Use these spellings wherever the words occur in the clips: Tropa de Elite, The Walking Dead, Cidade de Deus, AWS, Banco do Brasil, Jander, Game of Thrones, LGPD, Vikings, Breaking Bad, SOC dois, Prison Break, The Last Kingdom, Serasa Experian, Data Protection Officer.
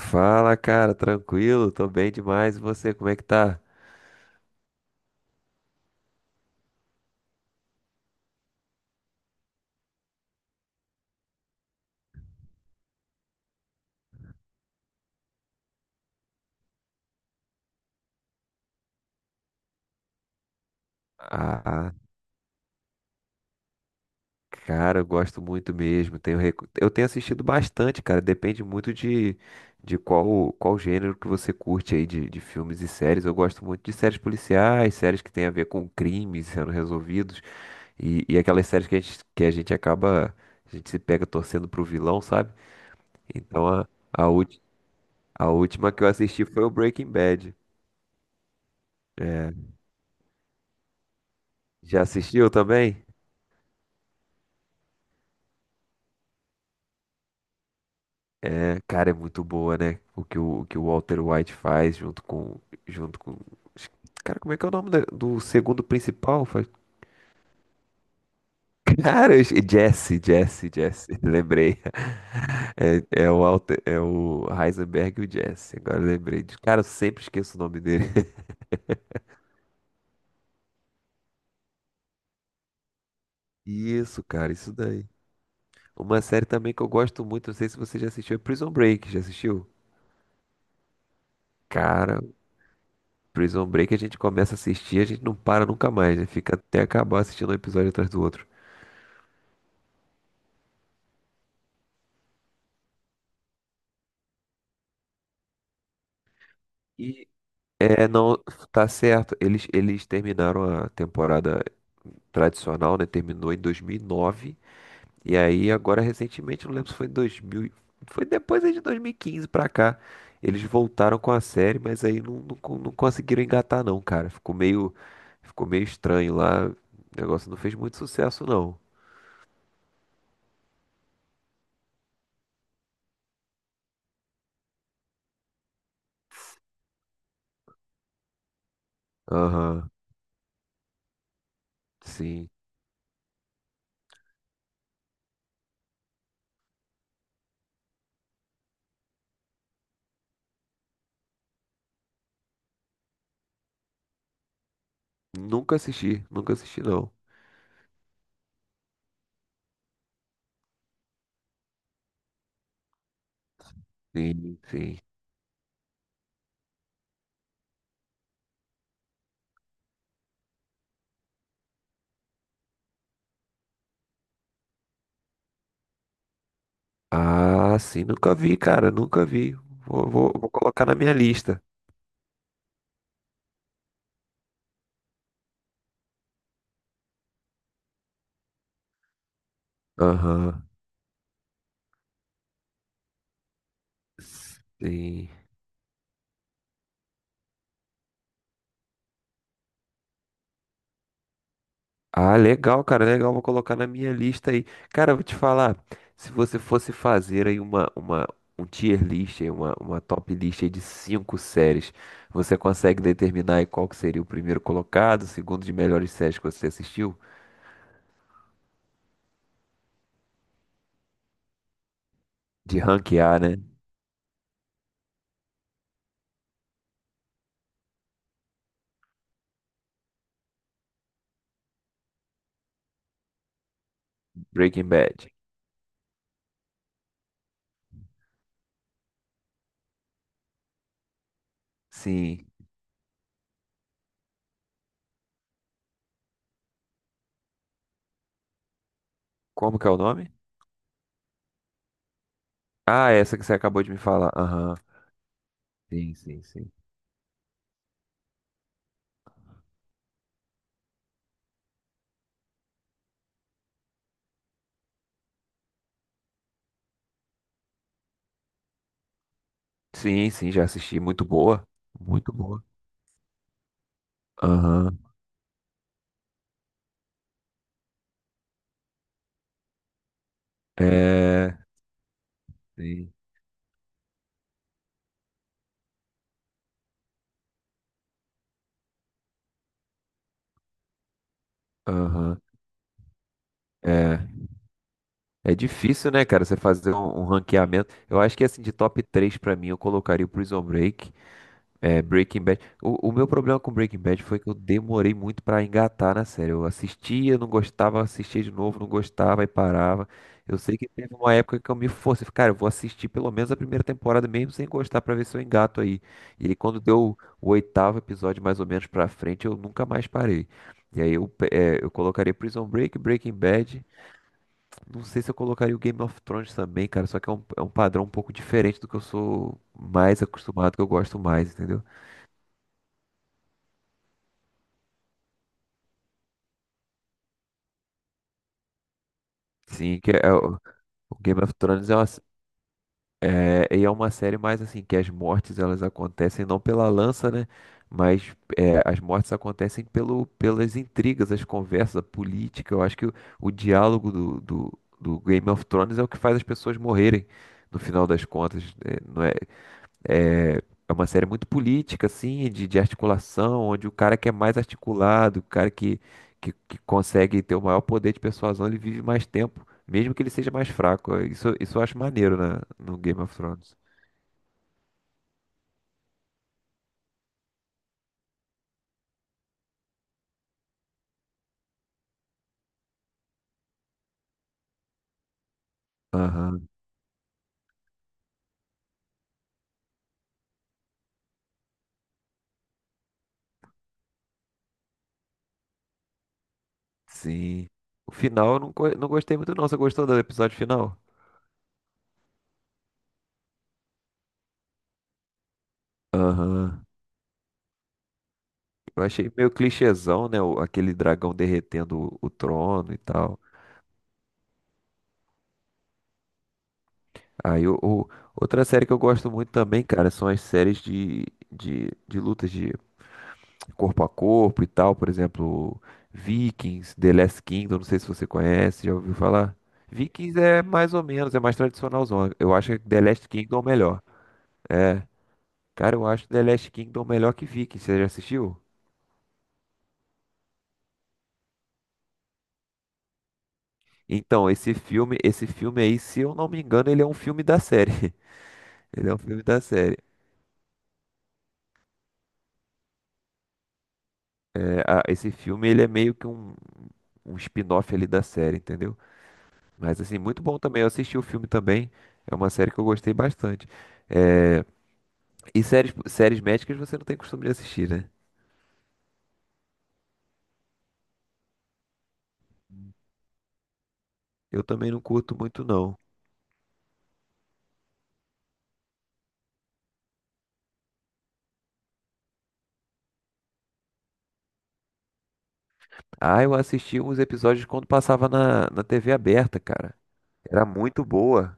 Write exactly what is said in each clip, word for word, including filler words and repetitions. Fala, cara, tranquilo? Tô bem demais. E você, como é que tá? Ah, cara, eu gosto muito mesmo. Tenho, recu- eu tenho assistido bastante, cara. Depende muito de, de qual, qual gênero que você curte aí de, de filmes e séries. Eu gosto muito de séries policiais, séries que tem a ver com crimes sendo resolvidos e, e aquelas séries que a gente, que a gente acaba, a gente se pega torcendo pro vilão, sabe? Então a, a, ulti- a última que eu assisti foi o Breaking Bad. É, já assistiu também? É, cara, é muito boa, né? O que o, o que o Walter White faz junto com, junto com. Cara, como é que é o nome da- do segundo principal? Foi- Cara, eu esque- Jesse, Jesse, Jesse. Lembrei. É, é o Walter, é o Heisenberg e o Jesse. Agora eu lembrei. de- Cara, eu sempre esqueço o nome dele. Isso, cara, isso daí. Uma série também que eu gosto muito, não sei se você já assistiu, é Prison Break. Já assistiu? Cara, Prison Break a gente começa a assistir, a gente não para nunca mais, né? Fica até acabar assistindo um episódio atrás do outro. É, não, tá certo. Eles, eles terminaram a temporada tradicional, né? Terminou em dois mil e nove. E nove. E aí, agora, recentemente, não lembro se foi em 2000. e- foi depois aí de dois mil e quinze pra cá. Eles voltaram com a série, mas aí não, não, co- não conseguiram engatar, não, cara. Ficou meio, ficou meio estranho lá. O negócio não fez muito sucesso, não. Aham, sim. Nunca assisti, nunca assisti, não. Sim, sim. Ah, sim, nunca vi, cara, nunca vi. Vou, vou, vou colocar na minha lista. Aham. Sim. Ah, legal, cara, legal. Vou colocar na minha lista aí. Cara, eu vou te falar, se você fosse fazer aí uma, uma, um tier list, aí, uma, uma top list aí de cinco séries, você consegue determinar aí qual que seria o primeiro colocado, o segundo de melhores séries que você assistiu? De ranquear, né? Breaking Bad. Sim. Como que é o nome? Ah, essa que você acabou de me falar. Aham. Sim, sim, sim. Sim, sim, já assisti. Muito boa. Muito boa. Aham. É. Sim. Aham. É. É difícil, né, cara, você fazer um, um ranqueamento. Eu acho que, assim, de top três pra mim, eu colocaria o Prison Break. É, Breaking Bad. O, o meu problema com Breaking Bad foi que eu demorei muito pra engatar na série. Eu assistia, não gostava, assistia de novo, não gostava e parava. Eu sei que teve uma época que eu me forcei, falei, cara, eu vou assistir pelo menos a primeira temporada mesmo sem gostar pra ver se eu engato aí. E aí quando deu o oitavo episódio mais ou menos pra frente, eu nunca mais parei. E aí eu, pe- é, eu colocaria Prison Break, Breaking Bad. Não sei se eu colocaria o Game of Thrones também, cara, só que é um, é um padrão um pouco diferente do que eu sou mais acostumado, que eu gosto mais, entendeu? Sim, que é, é o o Game of Thrones é uma, s- é, e é uma série mais assim, que as mortes elas acontecem não pela lança, né? Mas é, as mortes acontecem pelo, pelas intrigas, as conversas, a política. Eu acho que o, o diálogo do, do, do Game of Thrones é o que faz as pessoas morrerem no final das contas. Né? não é, é, é uma série muito política, assim, de, de articulação, onde o cara que é mais articulado, o cara que, que, que consegue ter o maior poder de persuasão, ele vive mais tempo, mesmo que ele seja mais fraco. É, Isso, isso eu acho maneiro na, no Game of Thrones. Aham, sim. O final eu não, co- não gostei muito, não. Você gostou do episódio final? Aham. Eu achei meio clichêzão, né? o- aquele dragão derretendo o, o trono e tal. Aí, o, o- outra série que eu gosto muito também, cara, são as séries de, de, de lutas de corpo a corpo e tal, por exemplo, Vikings, The Last Kingdom, não sei se você conhece, já ouviu falar? Vikings é mais ou menos, é mais tradicionalzão. Eu acho que The Last Kingdom é o melhor. É, cara, eu acho The Last Kingdom melhor que Vikings, você já assistiu? Então, esse filme, esse filme aí, se eu não me engano, ele é um filme da série. Ele é um filme da série. É, a- esse filme, ele é meio que um, um spin-off ali da série, entendeu? Mas assim, muito bom também. Eu assisti o filme também. É uma série que eu gostei bastante. É, e séries, séries médicas você não tem costume de assistir, né? Eu também não curto muito, não. Ah, eu assisti uns episódios quando passava na, na T V aberta, cara. Era muito boa.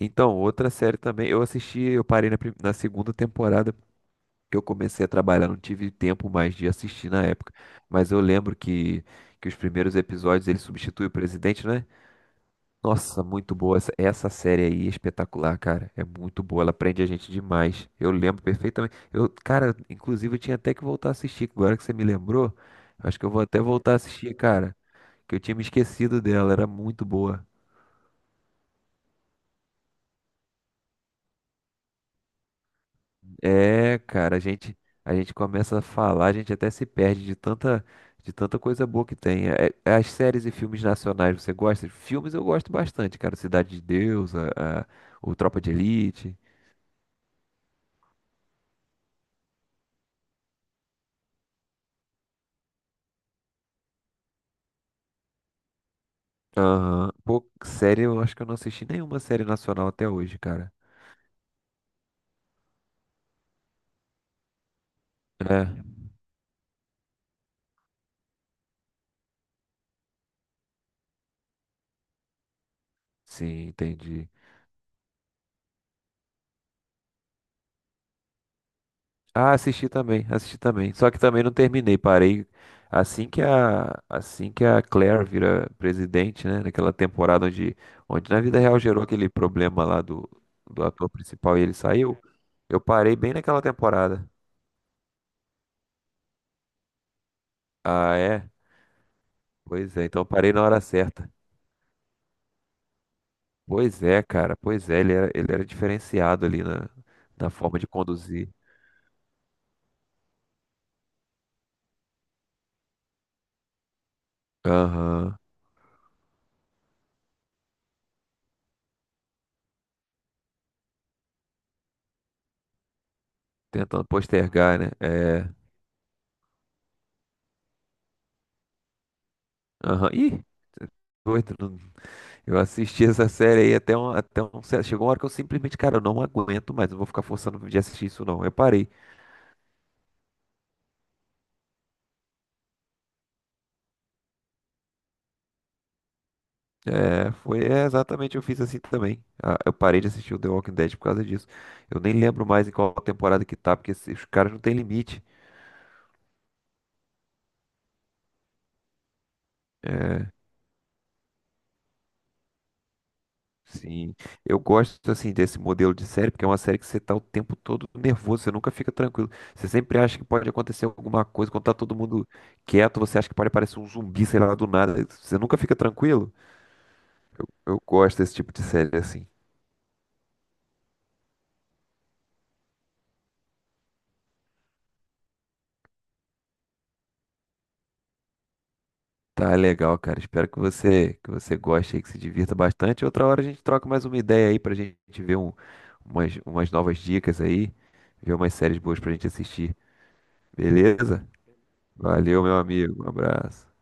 Então, outra série também. Eu assisti, eu parei na, prim- na segunda temporada que eu comecei a trabalhar. Não tive tempo mais de assistir na época. Mas eu lembro que, que os primeiros episódios ele substitui o presidente, né? Nossa, muito boa. Essa, essa série aí é espetacular, cara. É muito boa. Ela prende a gente demais. Eu lembro perfeitamente. Eu, cara, inclusive eu tinha até que voltar a assistir. Agora que você me lembrou, eu acho que eu vou até voltar a assistir, cara. Que eu tinha me esquecido dela. Era muito boa. É, cara, a gente, a gente começa a falar, a gente até se perde de tanta, de tanta coisa boa que tem. É- é as séries e filmes nacionais, você gosta? Filmes eu gosto bastante, cara. Cidade de Deus, a, a- o Tropa de Elite. Aham. Pô, série, eu acho que eu não assisti nenhuma série nacional até hoje, cara. É. Sim, entendi. Ah, assisti também, assisti também. Só que também não terminei, parei. Assim que a, assim que a Claire vira presidente, né? Naquela temporada onde, onde na vida real gerou aquele problema lá do, do ator principal e ele saiu, eu parei bem naquela temporada. Ah, é? Pois é, então eu parei na hora certa. Pois é, cara, pois é, ele era, ele era diferenciado ali na, na forma de conduzir. Aham. Tentando postergar, né? É. Aham. Ih, cê é doido. não- Eu assisti essa série aí até um, até um certo. Chegou uma hora que eu simplesmente, cara, eu não aguento mais. Não vou ficar forçando de assistir isso, não. Eu parei. É, foi é, exatamente, eu fiz assim também. Ah, eu parei de assistir o The Walking Dead por causa disso. Eu nem lembro mais em qual temporada que tá, porque esses- os caras não têm limite. É, sim, eu gosto assim desse modelo de série, porque é uma série que você tá o tempo todo nervoso, você nunca fica tranquilo. Você sempre acha que pode acontecer alguma coisa, quando tá todo mundo quieto, você acha que pode aparecer um zumbi, sei lá, do nada. Você nunca fica tranquilo. Eu gosto desse tipo de série assim. Tá legal, cara. Espero que você que você goste aí, que se divirta bastante. Outra hora a gente troca mais uma ideia aí pra gente ver um- umas, umas novas dicas aí, ver umas séries boas pra gente assistir. Beleza? Valeu, meu amigo. Um abraço.